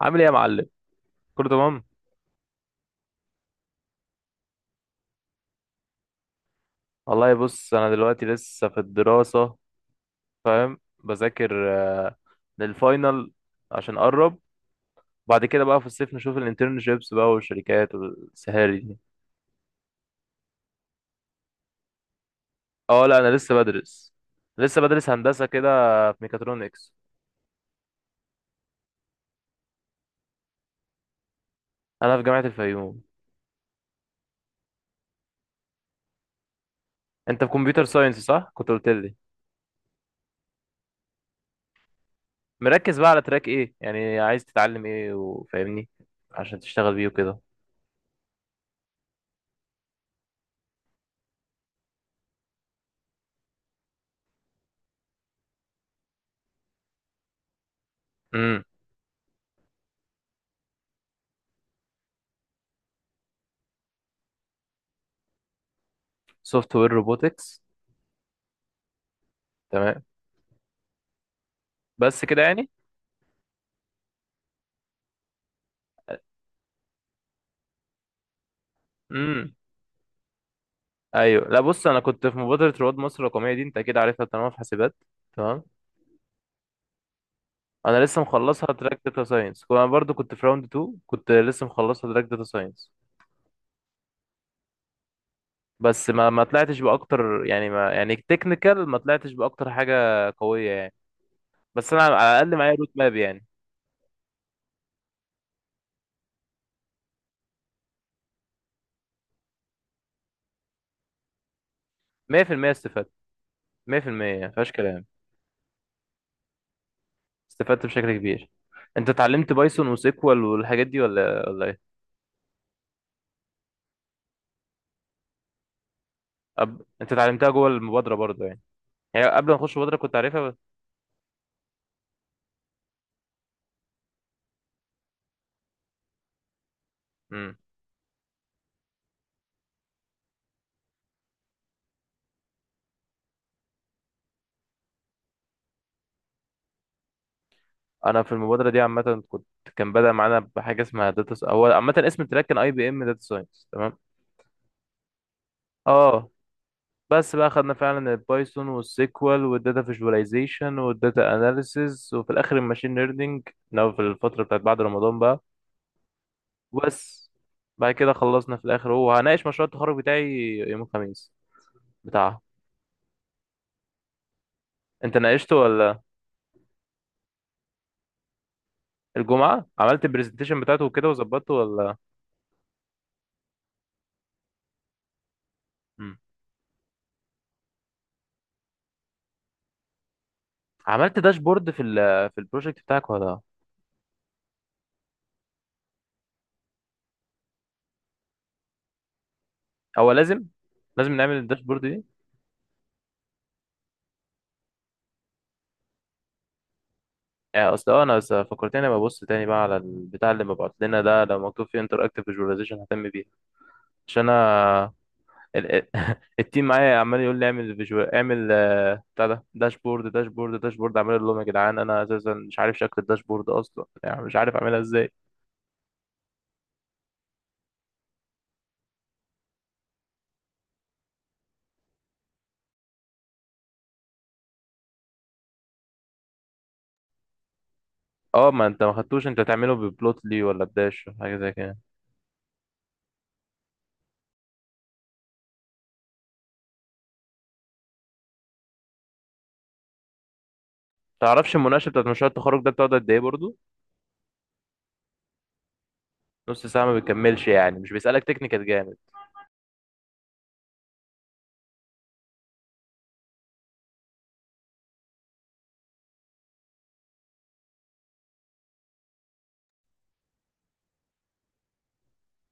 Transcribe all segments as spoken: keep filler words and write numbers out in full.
عامل ايه يا معلم؟ كله تمام. والله بص، انا دلوقتي لسه في الدراسة، فاهم، بذاكر آه، للفاينل عشان اقرب. بعد كده بقى في الصيف نشوف الانترنشيبس بقى والشركات والسهاري دي. اه، لا، انا لسه بدرس. لسه بدرس هندسة كده، في ميكاترونكس. انا في جامعة الفيوم. انت في كمبيوتر ساينس، صح؟ كنت قلت لي. مركز بقى على تراك ايه؟ يعني عايز تتعلم ايه وفاهمني عشان تشتغل بيه وكده. امم. سوفت وير روبوتكس. تمام. بس كده يعني. امم. ايوه، لا، بص، انا كنت في مبادره رواد مصر الرقميه دي، انت اكيد عارفها طالما في حاسبات. تمام. انا لسه مخلصها تراك داتا ساينس، انا برضو كنت في راوند اتنين، كنت لسه مخلصها تراك داتا ساينس. بس ما ما طلعتش باكتر، يعني ما يعني تكنيكال ما طلعتش باكتر حاجه قويه يعني. بس انا على الاقل معايا روت ماب يعني. مية في المية استفدت، مية في المية يعني ما فيهاش كلام، استفدت بشكل كبير. انت اتعلمت بايثون وسيكوال والحاجات دي ولا ولا ايه؟ أب... انت اتعلمتها جوه المبادره برضو يعني، يعني قبل ما اخش المبادره كنت عارفها. بس انا في المبادره دي عامه كنت، كان بدأ معانا بحاجه اسمها داتا س... هو عامه اسم التراك كان اي بي ام داتا ساينس، تمام. اه، بس بقى خدنا فعلا البايثون والسيكوال والداتا فيجواليزيشن والداتا اناليسيز، وفي الاخر الماشين ليرنينج، لو في الفتره بتاعت بعد رمضان بقى. وبس، بعد كده خلصنا في الاخر، وهناقش مشروع التخرج بتاعي يوم الخميس بتاعها. انت ناقشته ولا؟ الجمعه عملت البرزنتيشن بتاعته وكده وظبطته ولا؟ مم. عملت داشبورد في ال في البروجكت بتاعك ولا؟ هو لازم لازم نعمل الداشبورد دي؟ آه، اصل أه، انا بس فكرتني ابقى ابص تاني بقى على البتاع اللي مبعوت لنا ده، لو مكتوب فيه انتراكتيف فيجواليزيشن ههتم بيه. عشان انا ال- ال- التيم معايا عمال يقول لي اعمل فيجوال، اعمل آه، بتاع ده، داشبورد داشبورد داشبورد، عمال اقول لهم يا جدعان انا اساسا مش عارف شكل الداشبورد اصلا، يعني مش عارف اعملها ازاي. اه، ما انت ما خدتوش انت تعمله ببلوت لي ولا بداش حاجه زي كده؟ تعرفش المناقشه بتاعت مشروع التخرج ده بتقعد قد ايه برضه؟ نص ساعه ما بتكملش يعني، مش بيسالك تكنيكال جامد؟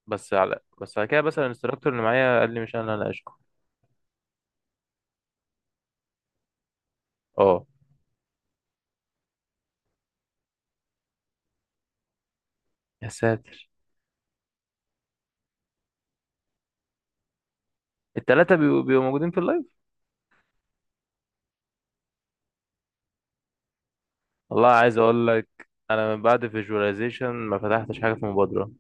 بس على بس على كده مثلا الانستراكتور اللي معايا قال لي مش انا اللي اشكو. اه. يا ساتر، التلاتة بيبقوا بيبقوا موجودين في اللايف؟ والله عايز اقول لك، انا من بعد فيجواليزيشن ما فتحتش حاجة في مبادرة.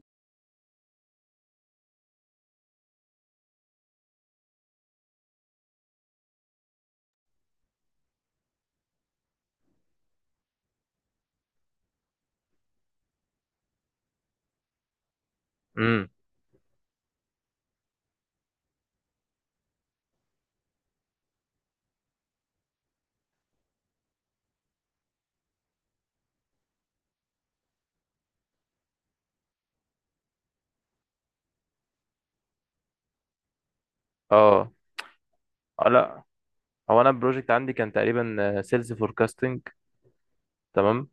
امم. اه، آه، لا، هو انا البروجكت عندي كان تقريبا سيلز فوركاستنج، تمام.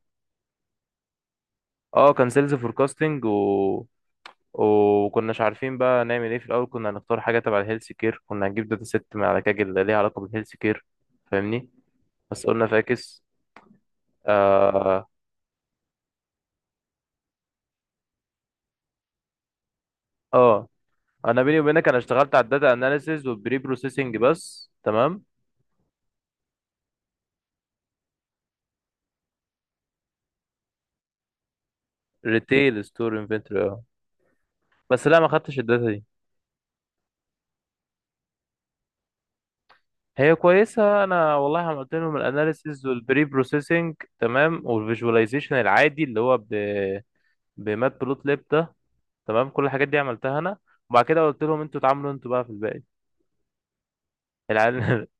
اه، كان سيلز فوركاستنج و وكناش عارفين بقى نعمل ايه في الاول، كنا هنختار حاجه تبع الهيلث كير، كنا هنجيب داتا ست من على كاجل ليها علاقه بالهيلث كير، فاهمني. بس قلنا فاكس. اه. آه. انا بيني وبينك انا اشتغلت على الداتا اناليسيز والبري بروسيسنج بس، تمام. ريتيل ستور انفنتوري، اه. بس لا، ما خدتش الداتا دي، هي كويسه. انا والله عملت لهم الاناليسيز والبري بروسيسنج تمام، والفيجواليزيشن العادي اللي هو ب بمات بلوت ليب ده، تمام. كل الحاجات دي عملتها انا. وبعد كده قلت لهم انتوا اتعاملوا انتوا بقى في الباقي، العيال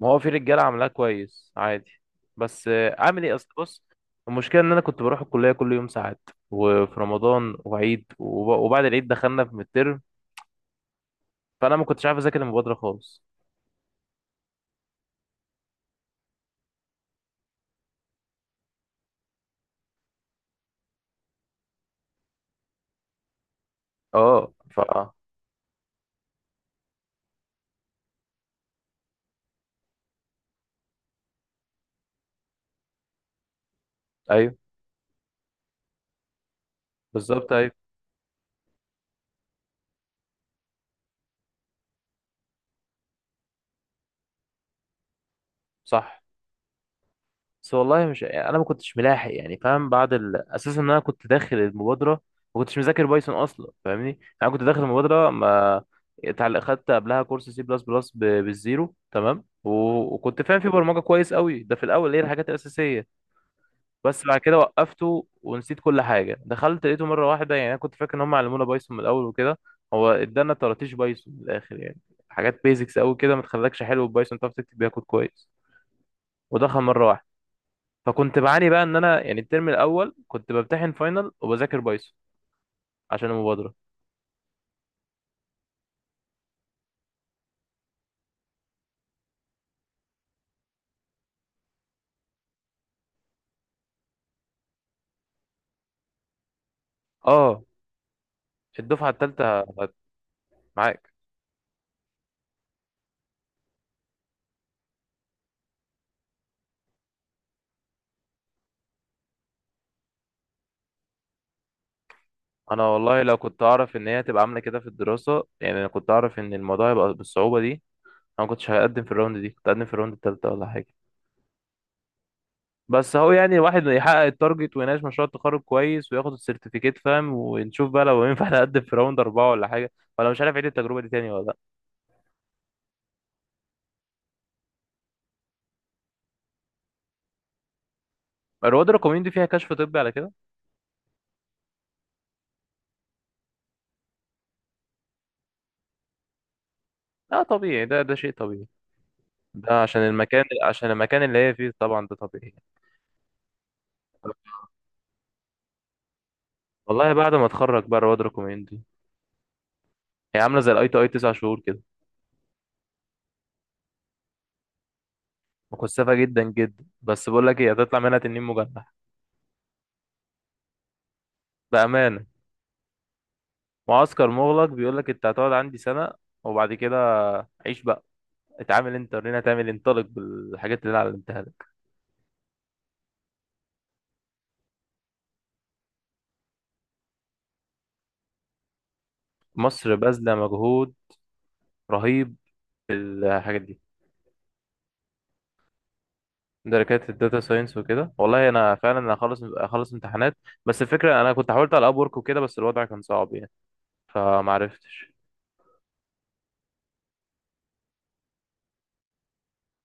ما هو في رجاله عاملاه كويس عادي. بس آه، اعمل ايه، اصل بص، المشكله ان انا كنت بروح الكليه كل يوم ساعات، وفي رمضان وعيد، وب- وبعد العيد دخلنا في الترم، فانا ما كنتش عارف اذاكر المبادره خالص. اه، ف، ايوه، بالظبط، ايوه، صح. بس والله مش يعني، انا ما كنتش ملاحق، يعني فاهم بعد ال... اساسا ان انا كنت داخل المبادره، ما كنتش مذاكر بايثون اصلا، فاهمني. انا كنت داخل المبادره ما اتعل- خدت قبلها كورس سي بلس بلس بالزيرو، تمام و... وكنت فاهم في برمجه كويس قوي، ده في الاول هي الحاجات الاساسيه. بس بعد كده وقفته ونسيت كل حاجه، دخلت لقيته مره واحده، يعني انا كنت فاكر ان هم علمونا بايثون من الاول وكده. هو ادانا طراطيش بايثون من الاخر يعني، حاجات بيزكس قوي كده ما تخلكش حلو بايثون، تعرف تكتب بيها كود كويس، ودخل مره واحده. فكنت بعاني بقى ان انا يعني الترم الاول كنت بمتحن فاينل وبذاكر بايثون عشان المبادره. اه، الدفعه الثالثه هت- معاك. انا والله لو كنت اعرف ان هي هتبقى عامله كده في الدراسه، يعني انا كنت اعرف ان الموضوع هيبقى بالصعوبه دي، انا ما كنتش هقدم في الراوند دي، كنت هقدم في الراوند الثالثه ولا حاجه. بس اهو، يعني الواحد يحقق التارجت ويناقش مشروع التخرج كويس وياخد السيرتيفيكيت، فاهم؟ ونشوف بقى لو ينفع نقدم في راوند اربعه ولا حاجه، ولا مش عارف اعيد التجربه دي تاني ولا لا. الرواد الرقميين دي فيها كشف طبي على كده. اه، طبيعي، ده ده شيء طبيعي، ده عشان المكان عشان المكان اللي هي فيه طبعا، ده طبيعي. والله بعد ما اتخرج بقى رواد ريكومندي، هي عامله زي الاي تي اي تسع شهور كده، مكثفه جدا جدا. بس بقول لك ايه، هتطلع منها تنين مجنح. بامانه، معسكر مغلق، بيقول لك انت هتقعد عندي سنه، وبعد كده عيش بقى، اتعامل انت ورينا هتعمل إيه، انطلق بالحاجات اللي انا علمتها لك. مصر باذله مجهود رهيب في الحاجات دي، درجات الداتا ساينس وكده، والله انا فعلا انا هخلص هخلص امتحانات. بس الفكره، انا كنت حاولت على اب وورك وكده بس الوضع كان صعب يعني، فمعرفتش.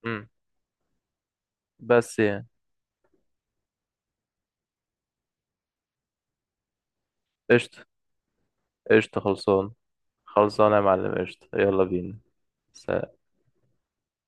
مم. بس يعني، قشطة. قشطة، خلصان. خلصانة يا معلم، قشطة، يلا بينا. سلام.